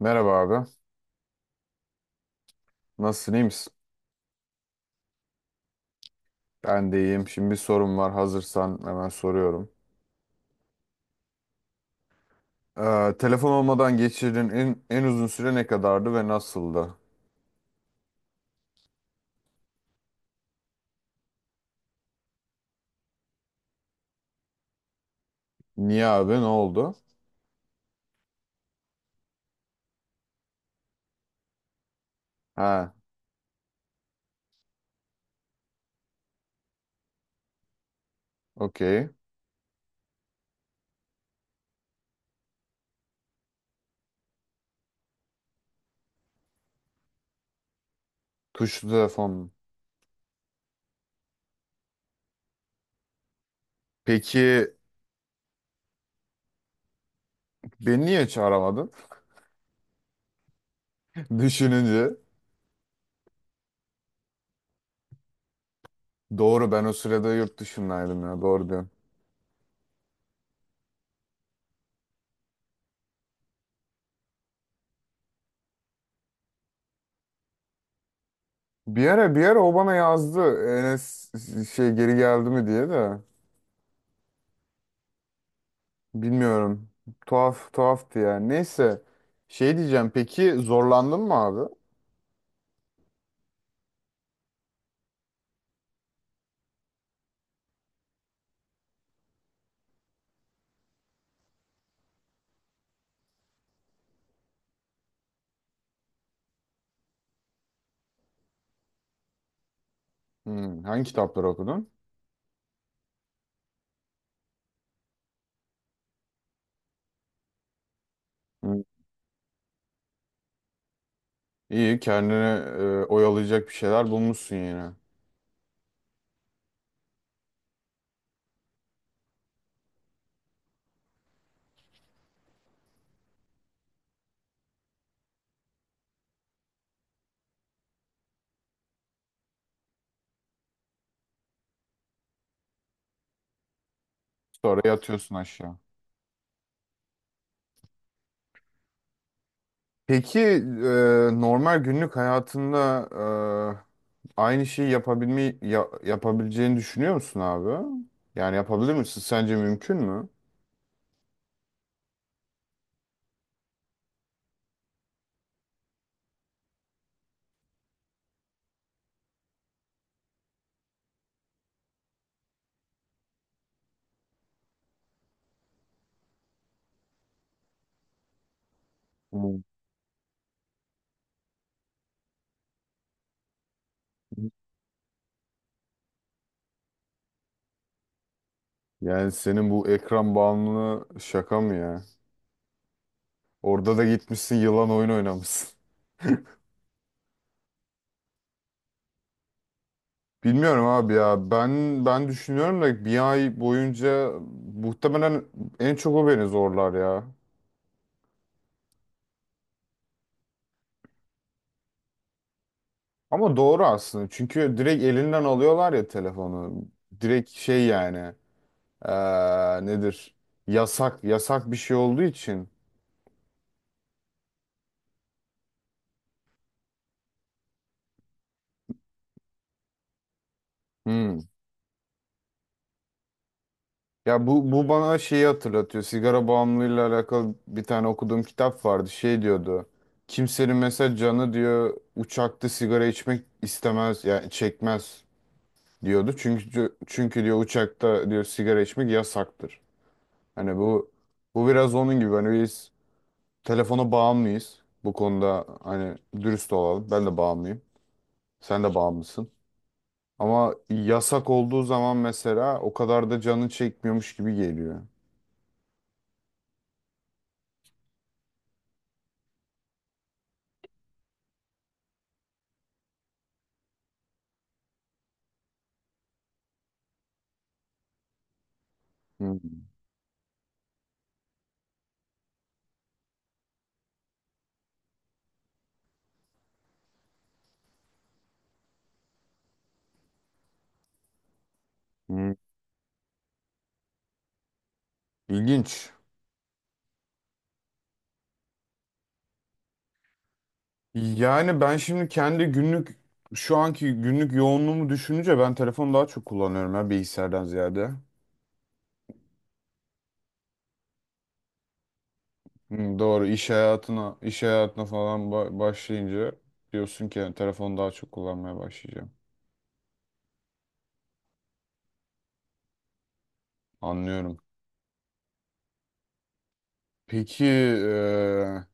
Merhaba abi. Nasılsın, iyi misin? Ben de iyiyim. Şimdi bir sorum var. Hazırsan hemen soruyorum. Telefon olmadan geçirdiğin en uzun süre ne kadardı ve nasıldı? Niye abi? Ne oldu? Ha, okey. Tuşlu telefon. Peki beni niye hiç aramadın? Düşününce. Doğru ben o sırada yurt dışındaydım ya. Doğru diyorsun. Bir ara o bana yazdı. Enes şey geri geldi mi diye de. Bilmiyorum. Tuhaftı yani. Neyse. Şey diyeceğim. Peki zorlandın mı abi? Hmm, hangi kitapları okudun? Hmm. İyi, kendini oyalayacak bir şeyler bulmuşsun yine. Sonra yatıyorsun aşağı. Peki normal günlük hayatında aynı şeyi yapabileceğini düşünüyor musun abi? Yani yapabilir misin? Sence mümkün mü? Hmm. Yani senin bu ekran bağımlılığı şaka mı ya? Orada da gitmişsin yılan oyun oynamışsın. Bilmiyorum abi ya. Ben düşünüyorum da bir ay boyunca muhtemelen en çok o beni zorlar ya. Ama doğru aslında. Çünkü direkt elinden alıyorlar ya telefonu. Direkt şey yani. Nedir? Yasak. Yasak bir şey olduğu için. Hmm. Ya bu bana şeyi hatırlatıyor. Sigara bağımlılığıyla alakalı bir tane okuduğum kitap vardı. Şey diyordu. Kimsenin mesela canı diyor uçakta sigara içmek istemez. Yani çekmez. Diyordu. Çünkü diyor uçakta diyor sigara içmek yasaktır. Hani bu biraz onun gibi hani biz telefona bağımlıyız. Bu konuda hani dürüst olalım. Ben de bağımlıyım. Sen de bağımlısın. Ama yasak olduğu zaman mesela o kadar da canın çekmiyormuş gibi geliyor. Hmm. Hmm. İlginç. Yani ben şimdi kendi günlük şu anki günlük yoğunluğumu düşününce ben telefonu daha çok kullanıyorum ya bilgisayardan ziyade. Hı, doğru iş hayatına falan başlayınca diyorsun ki yani telefonu daha çok kullanmaya başlayacağım. Anlıyorum. Peki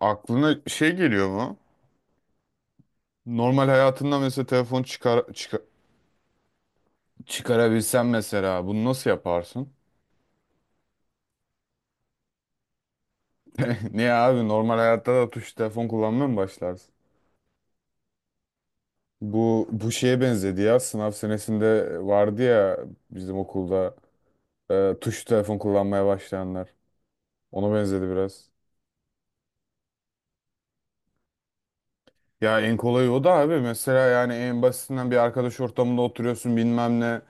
aklına şey geliyor mu? Normal hayatında mesela telefon çıkarabilsen mesela bunu nasıl yaparsın? Niye abi normal hayatta da tuş telefon kullanmaya mı başlarsın? Bu şeye benzedi ya sınav senesinde vardı ya bizim okulda tuş telefon kullanmaya başlayanlar. Ona benzedi biraz. Ya en kolayı o da abi. Mesela yani en basitinden bir arkadaş ortamında oturuyorsun bilmem ne.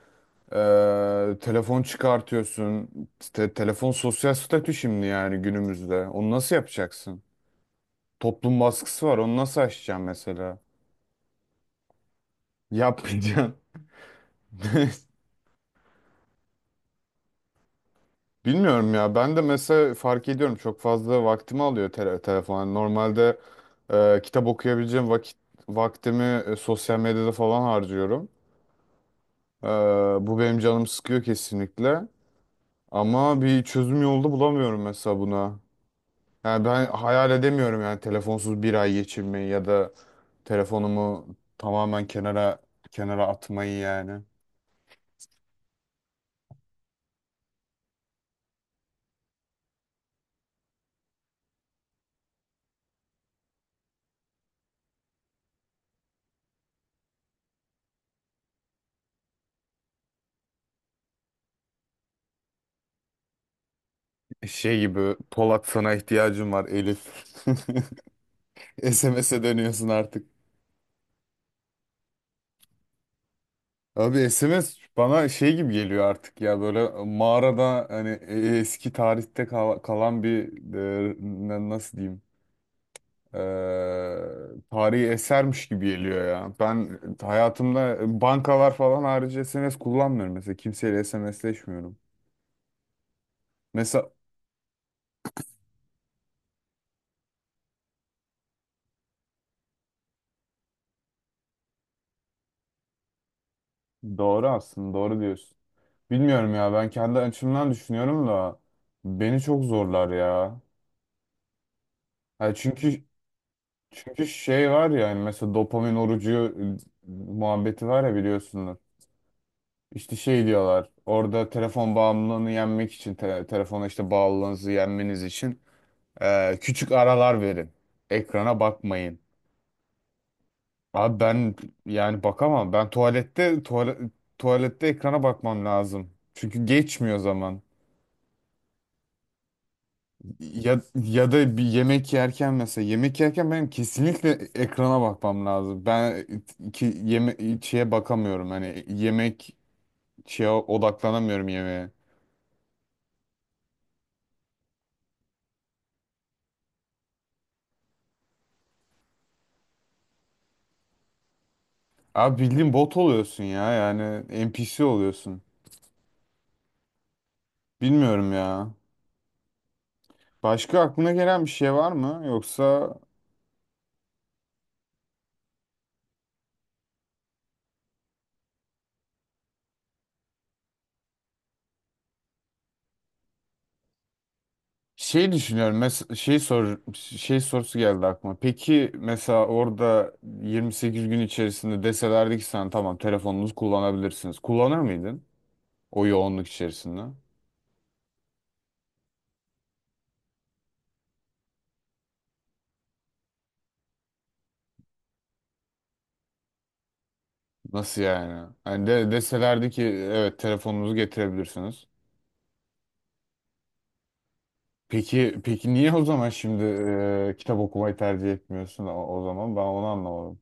Telefon çıkartıyorsun. Telefon sosyal statü şimdi yani günümüzde. Onu nasıl yapacaksın? Toplum baskısı var. Onu nasıl aşacaksın mesela? Yapmayacaksın. Bilmiyorum ya. Ben de mesela fark ediyorum. Çok fazla vaktimi alıyor telefon. Yani normalde kitap okuyabileceğim vaktimi sosyal medyada falan harcıyorum. Ee, Bu benim canım sıkıyor kesinlikle. Ama bir çözüm yolda bulamıyorum mesela buna. Yani ben hayal edemiyorum yani telefonsuz bir ay geçirmeyi ya da telefonumu tamamen kenara atmayı yani. Şey gibi Polat sana ihtiyacım var Elif. SMS'e dönüyorsun artık. Abi SMS bana şey gibi geliyor artık ya böyle mağarada hani eski tarihte kalan bir nasıl diyeyim tarihi esermiş gibi geliyor ya. Ben hayatımda bankalar falan harici SMS kullanmıyorum mesela. Kimseyle SMSleşmiyorum. Mesela doğru aslında doğru diyorsun. Bilmiyorum ya ben kendi açımdan düşünüyorum da beni çok zorlar ya. Ha, çünkü şey var ya hani mesela dopamin orucu muhabbeti var ya biliyorsunuz. İşte şey diyorlar orada telefon bağımlılığını yenmek için telefona işte bağlılığınızı yenmeniz için. Küçük aralar verin. Ekrana bakmayın. Abi ben yani bakamam. Ben tuvalette ekrana bakmam lazım. Çünkü geçmiyor zaman. Ya ya da bir yemek yerken benim kesinlikle ekrana bakmam lazım. Ben ki yeme şeye bakamıyorum. Hani şeye odaklanamıyorum yemeğe. Abi bildiğin bot oluyorsun ya. Yani NPC oluyorsun. Bilmiyorum ya. Başka aklına gelen bir şey var mı? Yoksa, şey düşünüyorum. Mes şey sor şey sorusu geldi aklıma. Peki mesela orada 28 gün içerisinde deselerdi ki sen tamam telefonunuzu kullanabilirsiniz. Kullanır mıydın o yoğunluk içerisinde? Nasıl yani? Hani deselerdi ki evet telefonunuzu getirebilirsiniz. Peki niye o zaman şimdi kitap okumayı tercih etmiyorsun o zaman? Ben onu anlamadım.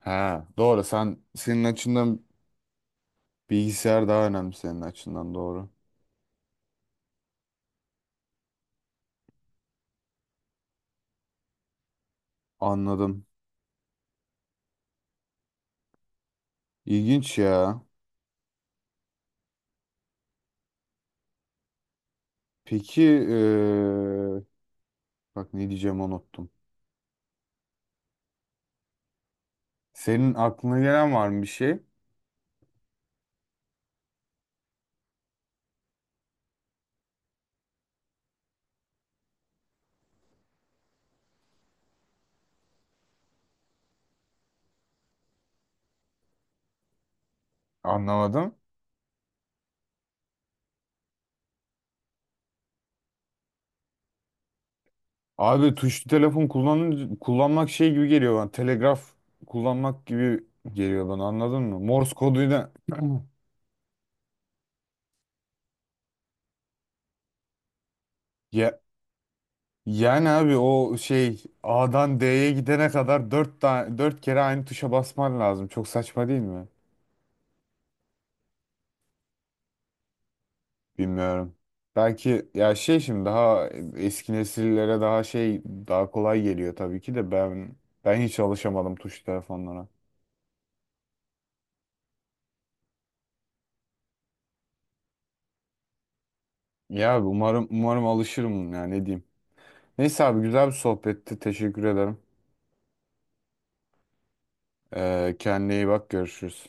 Ha, doğru. Senin açından bilgisayar daha önemli senin açından doğru. Anladım. İlginç ya. Peki bak ne diyeceğimi unuttum. Senin aklına gelen var mı bir şey? Anlamadım. Abi tuşlu telefon kullanmak şey gibi geliyor bana. Telegraf kullanmak gibi geliyor bana anladın mı? Morse koduyla ya, yani abi o şey A'dan D'ye gidene kadar 4 kere aynı tuşa basman lazım. Çok saçma değil mi? Bilmiyorum. Belki ya şey şimdi daha eski nesillere daha şey daha kolay geliyor tabii ki de ben hiç alışamadım tuşlu telefonlara. Ya umarım alışırım ya ne diyeyim. Neyse abi güzel bir sohbetti. Teşekkür ederim. Kendine iyi bak görüşürüz.